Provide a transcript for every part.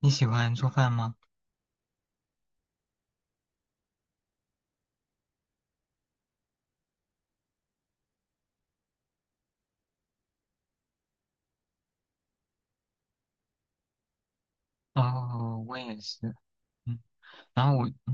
你喜欢做饭吗？哦，我也是。嗯，然后我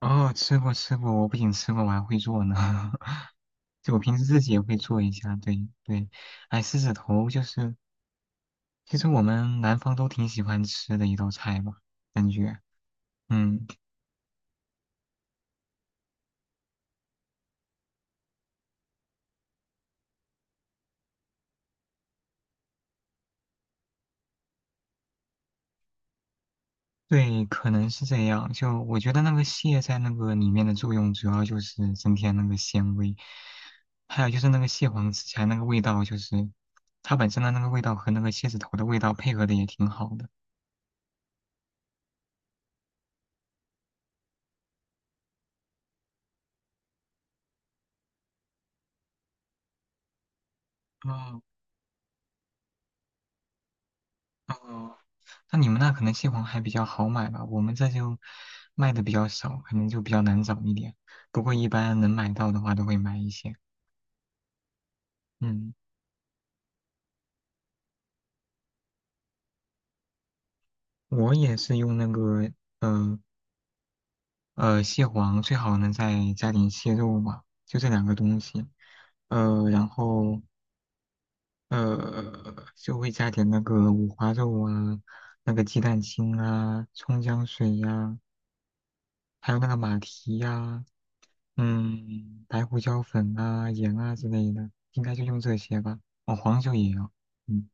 哦吃过吃过，我不仅吃过，我还会做呢。就我平时自己也会做一下，对对。哎，狮子头就是，其实我们南方都挺喜欢吃的一道菜吧，感觉，嗯，对，可能是这样。就我觉得那个蟹在那个里面的作用，主要就是增添那个鲜味，还有就是那个蟹黄吃起来那个味道，就是它本身的那个味道和那个蟹子头的味道配合的也挺好的。嗯。哦，那你们那可能蟹黄还比较好买吧，我们这就卖的比较少，可能就比较难找一点。不过一般能买到的话都会买一些。嗯，我也是用那个呃蟹黄，最好能再加点蟹肉吧，就这两个东西。然后就会加点那个五花肉啊，那个鸡蛋清啊，葱姜水呀、还有那个马蹄呀、嗯，白胡椒粉啊、盐啊之类的，应该就用这些吧。哦，黄酒也有。嗯。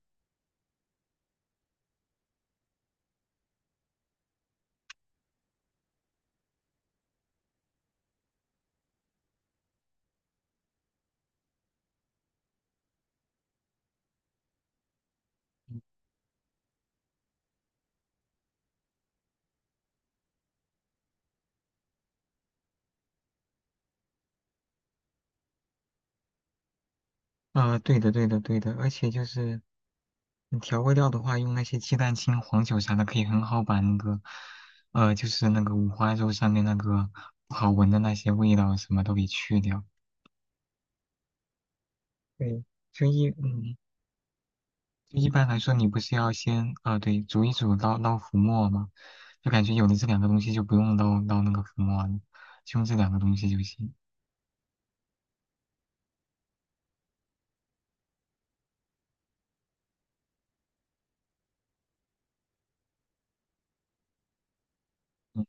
啊，对的，对的，对的。而且就是嗯调味料的话，用那些鸡蛋清、黄酒啥的，可以很好把那个，就是那个五花肉上面那个不好闻的那些味道什么都给去掉。对，就一嗯，就一般来说，你不是要先啊、对，煮一煮捞浮沫吗？就感觉有了这两个东西，就不用捞那个浮沫了，就用这两个东西就行。嗯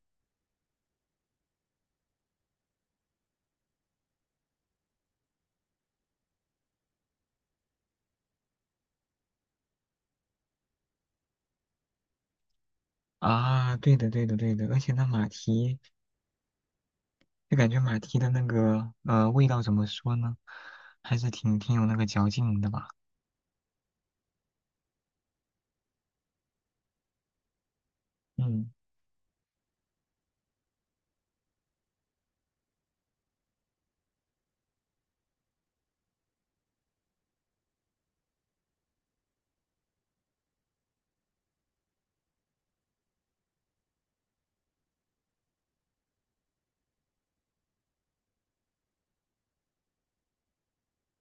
啊，对的，对的，对的，而且那马蹄，就感觉马蹄的那个味道怎么说呢，还是挺有那个嚼劲的吧。嗯，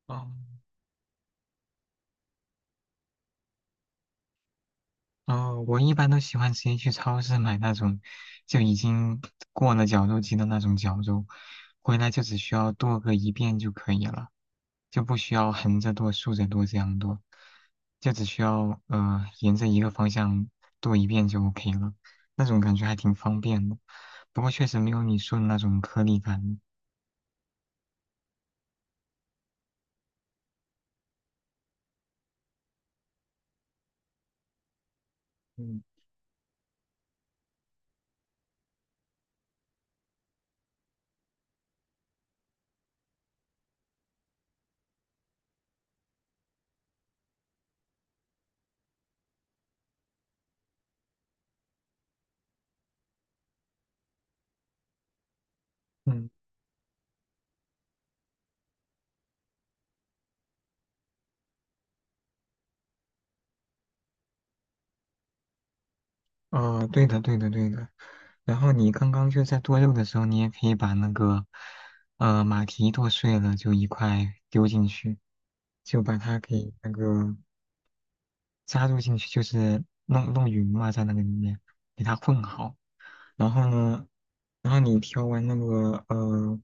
哦，哦，我一般都喜欢直接去超市买那种就已经过了绞肉机的那种绞肉，回来就只需要剁个一遍就可以了，就不需要横着剁、竖着剁这样剁，就只需要沿着一个方向剁一遍就 OK 了，那种感觉还挺方便的。不过确实没有你说的那种颗粒感。嗯，嗯。啊、对的，对的，对的。然后你刚刚就在剁肉的时候，你也可以把那个马蹄剁碎了，就一块丢进去，就把它给那个加入进去，就是弄弄匀嘛，在那个里面给它混好。然后呢，然后你调完那个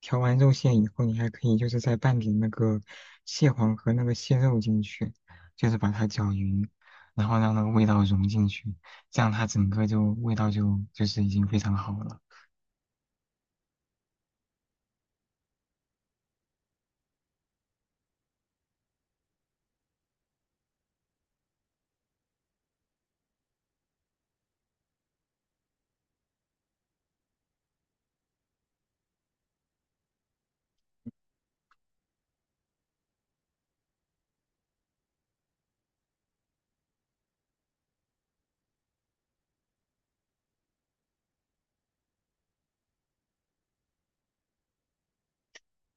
调完肉馅以后，你还可以就是再拌点那个蟹黄和那个蟹肉进去，就是把它搅匀，然后让那个味道融进去，这样它整个就味道就就是已经非常好了。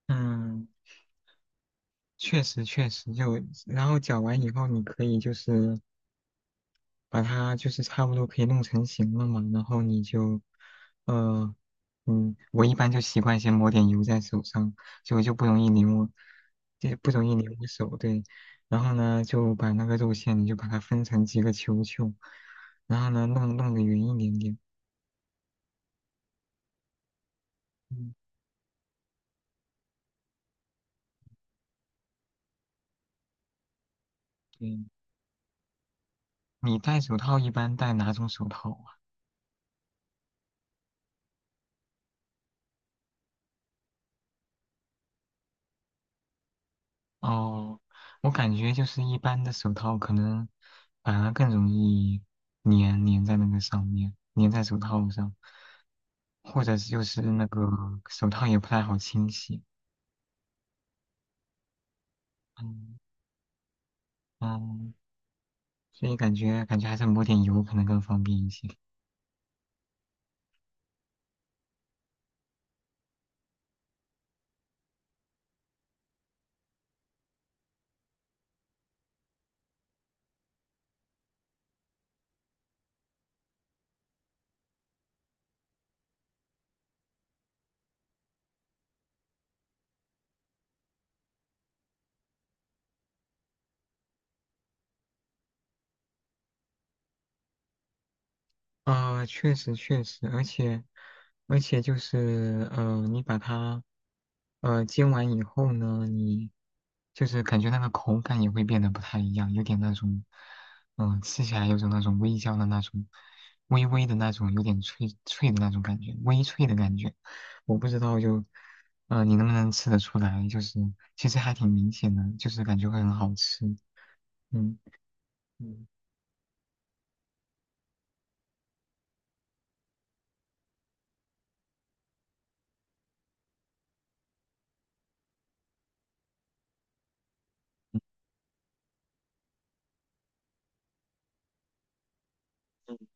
嗯，确实确实就，然后搅完以后，你可以就是把它就是差不多可以弄成型了嘛，然后你就，呃，嗯，我一般就习惯先抹点油在手上，就就不容易粘我，就不容易粘我手，对。然后呢，就把那个肉馅，你就把它分成几个球球，然后呢，弄弄得圆一点点。嗯，对。你戴手套一般戴哪种手套啊哦，我感觉就是一般的手套可能反而更容易粘在那个上面，粘在手套上，或者是就是那个手套也不太好清洗。嗯嗯，所以感觉还是抹点油可能更方便一些。啊，确实确实，而且就是你把它煎完以后呢，你就是感觉那个口感也会变得不太一样，有点那种嗯、吃起来有种那种微焦的那种微微的那种有点脆脆的那种感觉，微脆的感觉，我不知道就你能不能吃得出来，就是其实还挺明显的，就是感觉会很好吃，嗯嗯，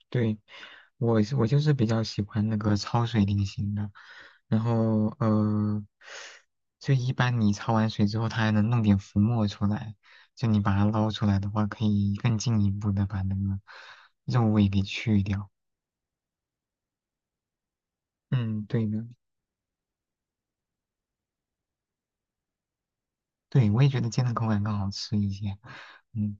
对。我就是比较喜欢那个焯水类型的，然后就一般你焯完水之后，它还能弄点浮沫出来，就你把它捞出来的话，可以更进一步的把那个肉味给去掉。嗯，对的，对，我也觉得煎的口感更好吃一些。嗯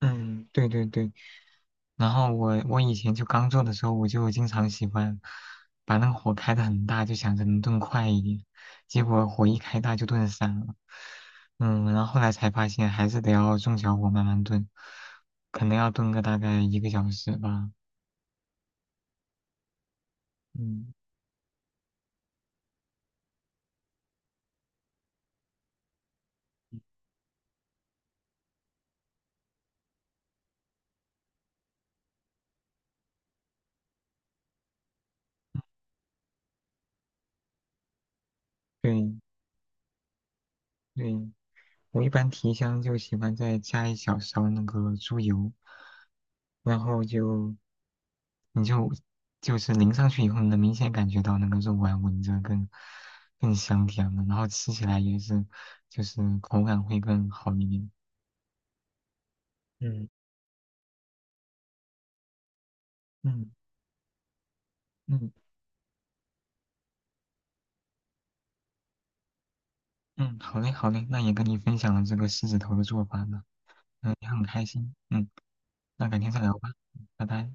嗯，对对对。然后我以前就刚做的时候，我就经常喜欢把那个火开的很大，就想着能炖快一点，结果火一开大就炖散了。嗯，然后后来才发现还是得要中小火慢慢炖，可能要炖个大概1个小时吧。嗯，对对，我一般提香就喜欢再加一小勺那个猪油，然后就你就就是淋上去以后，你能明显感觉到那个肉丸闻着更更香甜了，然后吃起来也是就是口感会更好一点。嗯嗯嗯嗯，好嘞好嘞，那也跟你分享了这个狮子头的做法呢，嗯，也很开心，嗯，那改天再聊吧，嗯拜拜。